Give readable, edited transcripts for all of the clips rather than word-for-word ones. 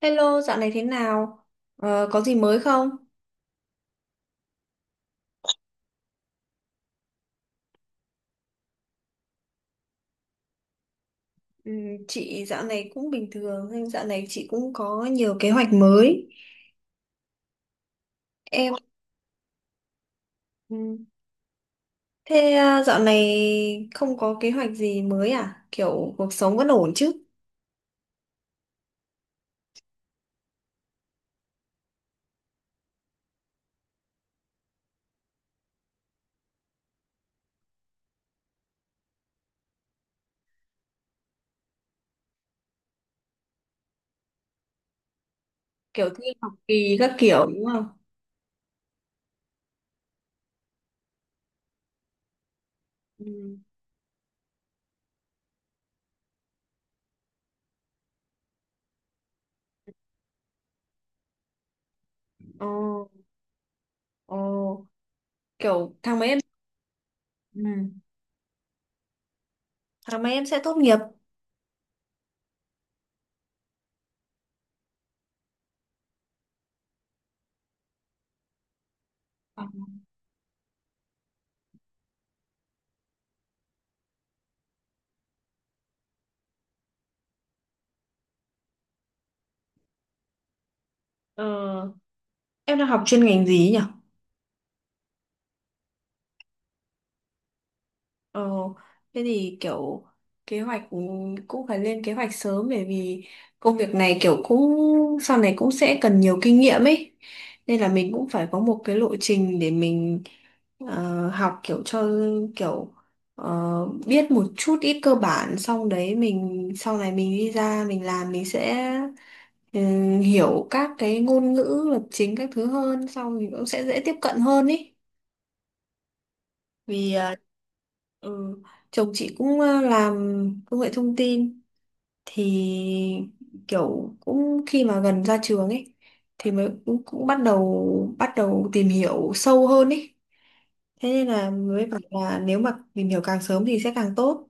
Hello, dạo này thế nào? Có gì mới không? Ừ, chị dạo này cũng bình thường, nhưng dạo này chị cũng có nhiều kế hoạch mới. Em, ừ, thế à, dạo này không có kế hoạch gì mới à? Kiểu cuộc sống vẫn ổn chứ? Kiểu thi học kỳ các kiểu đúng không? Ừ. Ồ, ồ, kiểu tháng mấy em, ừ. tháng mấy em sẽ tốt nghiệp. Ờ, em đang học chuyên ngành gì nhỉ? Ờ, Thế thì kiểu kế hoạch cũng phải lên kế hoạch sớm, bởi vì công việc này kiểu cũng sau này cũng sẽ cần nhiều kinh nghiệm ấy. Nên là mình cũng phải có một cái lộ trình để mình học kiểu cho kiểu biết một chút ít cơ bản, xong đấy mình sau này mình đi ra mình làm mình sẽ hiểu các cái ngôn ngữ lập trình các thứ hơn, xong mình cũng sẽ dễ tiếp cận hơn ý. Vì ừ, chồng chị cũng làm công nghệ thông tin thì kiểu cũng khi mà gần ra trường ấy thì mới cũng bắt đầu tìm hiểu sâu hơn ấy. Thế nên là mới bảo là nếu mà tìm hiểu càng sớm thì sẽ càng tốt.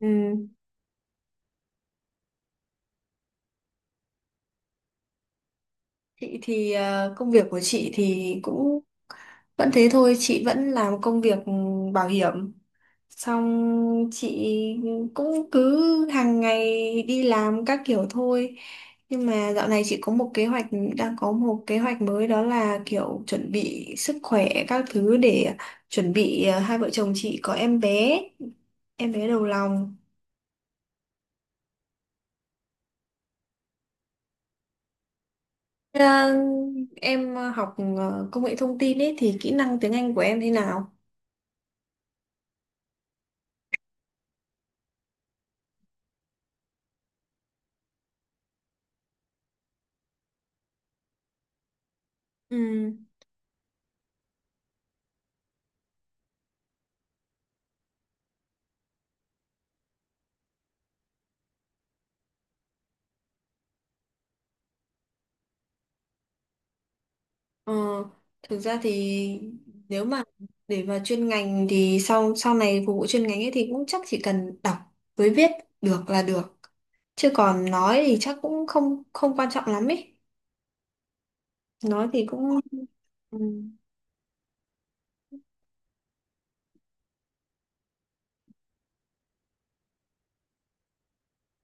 Ừ. Chị thì công việc của chị thì cũng vẫn thế thôi, chị vẫn làm công việc bảo hiểm, xong chị cũng cứ hàng ngày đi làm các kiểu thôi. Nhưng mà dạo này chị có một kế hoạch, đang có một kế hoạch mới, đó là kiểu chuẩn bị sức khỏe các thứ để chuẩn bị hai vợ chồng chị có em bé, em bé đầu lòng. Ờ, em học công nghệ thông tin ấy thì kỹ năng tiếng Anh của em thế nào? Ừ. Ờ, Thực ra thì nếu mà để vào chuyên ngành thì sau sau này phục vụ chuyên ngành ấy thì cũng chắc chỉ cần đọc với viết được là được, chứ còn nói thì chắc cũng không không quan trọng lắm ấy, nói thì cũng ừ.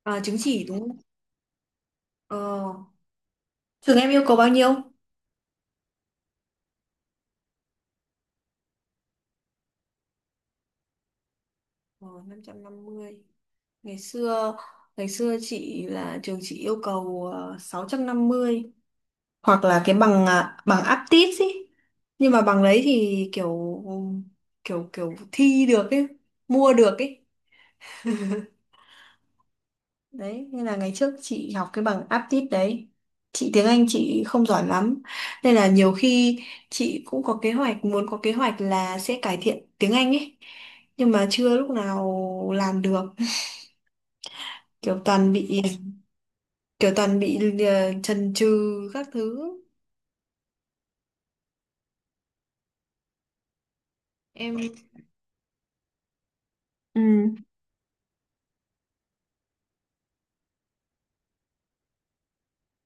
À, chứng chỉ đúng không? Ờ, Trường em yêu cầu bao nhiêu? Ờ, 550. Ngày xưa ngày xưa chị là trường chị yêu cầu 650, hoặc là cái bằng bằng aptis ý. Nhưng mà bằng đấy thì kiểu kiểu kiểu thi được ấy, mua được ấy. Đấy nên là ngày trước chị học cái bằng aptis đấy. Chị tiếng Anh chị không giỏi lắm, nên là nhiều khi chị cũng có kế hoạch muốn có kế hoạch là sẽ cải thiện tiếng Anh ấy, nhưng mà chưa lúc nào làm được, kiểu toàn bị kiểu toàn bị chần chừ các thứ. Em ừ.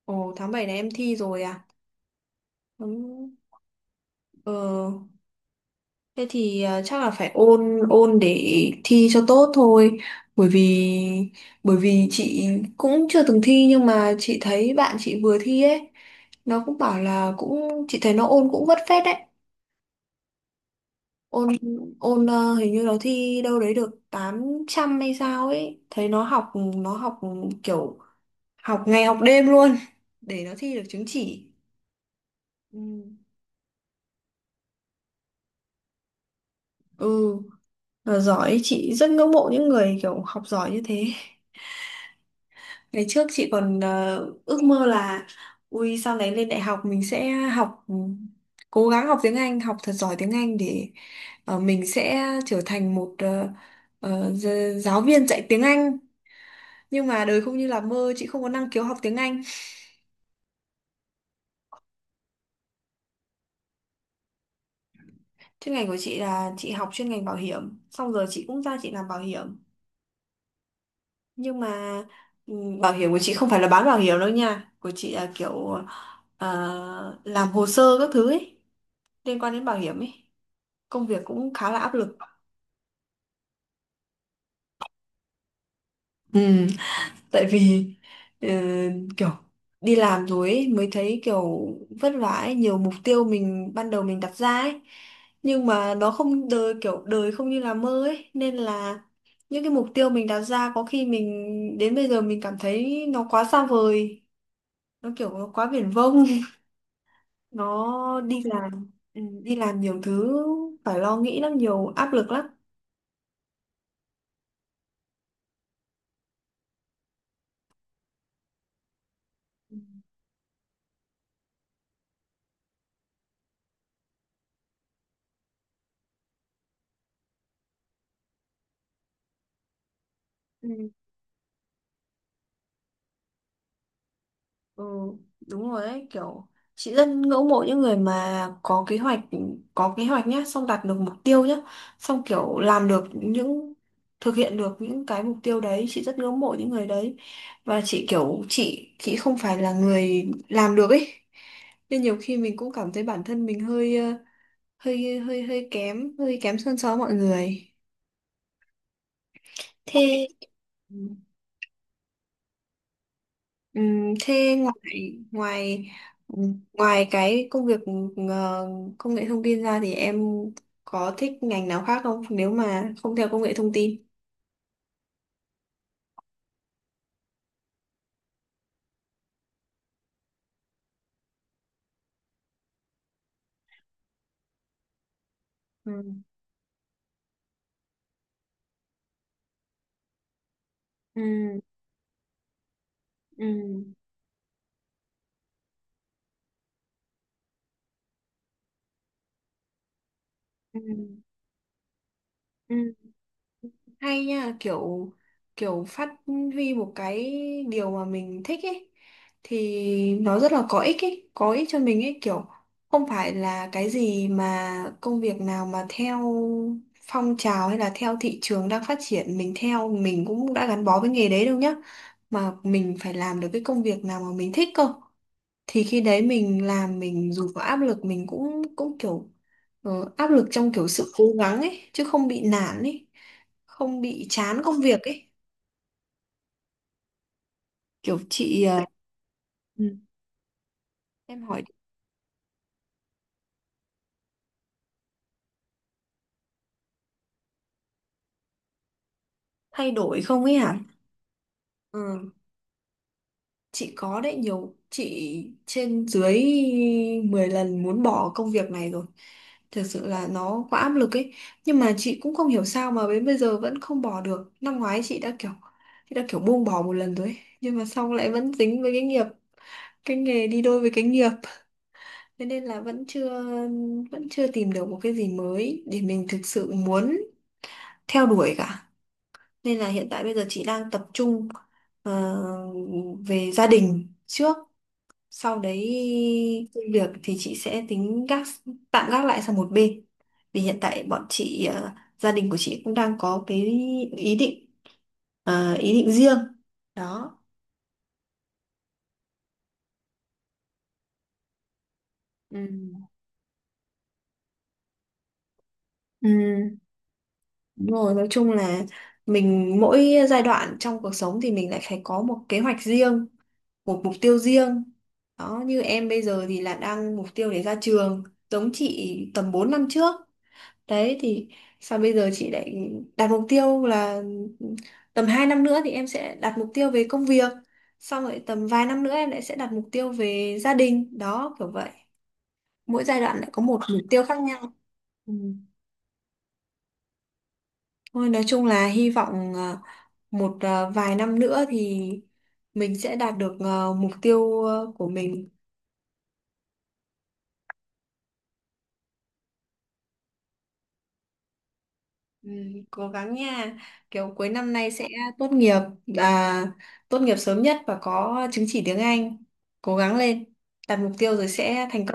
Ồ, tháng 7 này em thi rồi à? Ừ, Ờ, thế thì chắc là phải ôn ôn để thi cho tốt thôi, bởi vì chị cũng chưa từng thi, nhưng mà chị thấy bạn chị vừa thi ấy, nó cũng bảo là cũng chị thấy nó ôn cũng vất phết đấy. Ôn ôn hình như nó thi đâu đấy được 800 hay sao ấy, thấy nó học kiểu học ngày học đêm luôn để nó thi được chứng chỉ. ừ, ừ. Là giỏi, chị rất ngưỡng mộ những người kiểu học giỏi như thế. Ngày trước chị còn ước mơ là ui sau này lên đại học mình sẽ học, cố gắng học tiếng Anh, học thật giỏi tiếng Anh để mình sẽ trở thành một giáo viên dạy tiếng Anh. Nhưng mà đời không như là mơ, chị không có năng khiếu học tiếng Anh. Chuyên ngành của chị là chị học chuyên ngành bảo hiểm, xong rồi chị cũng ra chị làm bảo hiểm. Nhưng mà ừ, bảo hiểm của chị không phải là bán bảo hiểm đâu nha, của chị là kiểu làm hồ sơ các thứ ấy, liên quan đến bảo hiểm ấy. Công việc cũng khá là áp lực. ừ, Tại vì ờ, kiểu đi làm rồi ấy, mới thấy kiểu vất vả ấy, nhiều mục tiêu mình ban đầu mình đặt ra ấy, nhưng mà nó không đời kiểu đời không như là mơ ấy, nên là những cái mục tiêu mình đặt ra có khi mình đến bây giờ mình cảm thấy nó quá xa vời, nó kiểu nó quá viển vông. Nó đi làm, đi làm nhiều thứ phải lo nghĩ lắm, nhiều áp lực lắm. Ừ. Ừ, đúng rồi đấy, kiểu chị rất ngưỡng mộ những người mà có kế hoạch nhá, xong đạt được mục tiêu nhá, xong kiểu làm được những thực hiện được những cái mục tiêu đấy, chị rất ngưỡng mộ những người đấy. Và chị kiểu chị không phải là người làm được ấy, nên nhiều khi mình cũng cảm thấy bản thân mình hơi hơi kém hơn so với mọi người. Thế thế ngoài ngoài ngoài cái công việc ờ, công nghệ thông tin ra thì em có thích ngành nào khác không, nếu mà không theo công nghệ thông tin? Ừ. Ừ. Ừ. Ừ. Hay nha, kiểu kiểu phát huy một cái điều mà mình thích ấy thì nó rất là có ích ấy, có ích cho mình ấy, kiểu không phải là cái gì mà công việc nào mà theo phong trào hay là theo thị trường đang phát triển mình theo, mình cũng đã gắn bó với nghề đấy đâu nhá, mà mình phải làm được cái công việc nào mà mình thích cơ, thì khi đấy mình làm mình dù có áp lực mình cũng cũng kiểu áp lực trong kiểu sự cố gắng ấy chứ không bị nản ấy, không bị chán công việc ấy. Kiểu chị ừ, em hỏi thay đổi không ấy hả. Ừ. Chị có đấy, nhiều chị trên dưới 10 lần muốn bỏ công việc này rồi. Thật sự là nó quá áp lực ấy. Nhưng mà chị cũng không hiểu sao mà đến bây giờ vẫn không bỏ được. Năm ngoái chị đã kiểu buông bỏ một lần rồi ấy. Nhưng mà xong lại vẫn dính với cái nghiệp, cái nghề đi đôi với cái nghiệp. Thế nên là vẫn chưa tìm được một cái gì mới để mình thực sự muốn theo đuổi cả. Nên là hiện tại bây giờ chị đang tập trung ờ, về gia đình trước, sau đấy công việc thì chị sẽ tính gác, tạm gác lại sang một bên. Vì hiện tại bọn chị gia đình của chị cũng đang có cái ý định, ý định riêng đó. Ừ. Ừ, đúng rồi, nói chung là mình mỗi giai đoạn trong cuộc sống thì mình lại phải có một kế hoạch riêng, một mục tiêu riêng. Đó, như em bây giờ thì là đang mục tiêu để ra trường, giống chị tầm 4 năm trước. Đấy thì sao bây giờ chị lại đặt mục tiêu là tầm 2 năm nữa thì em sẽ đặt mục tiêu về công việc. Xong rồi tầm vài năm nữa em lại sẽ đặt mục tiêu về gia đình. Đó kiểu vậy. Mỗi giai đoạn lại có một mục tiêu khác nhau. Ừ. Thôi nói chung là hy vọng vài năm nữa thì mình sẽ đạt được mục tiêu của mình. Ừ, cố gắng nha, kiểu cuối năm nay sẽ tốt nghiệp, là tốt nghiệp sớm nhất và có chứng chỉ tiếng Anh, cố gắng lên, đặt mục tiêu rồi sẽ thành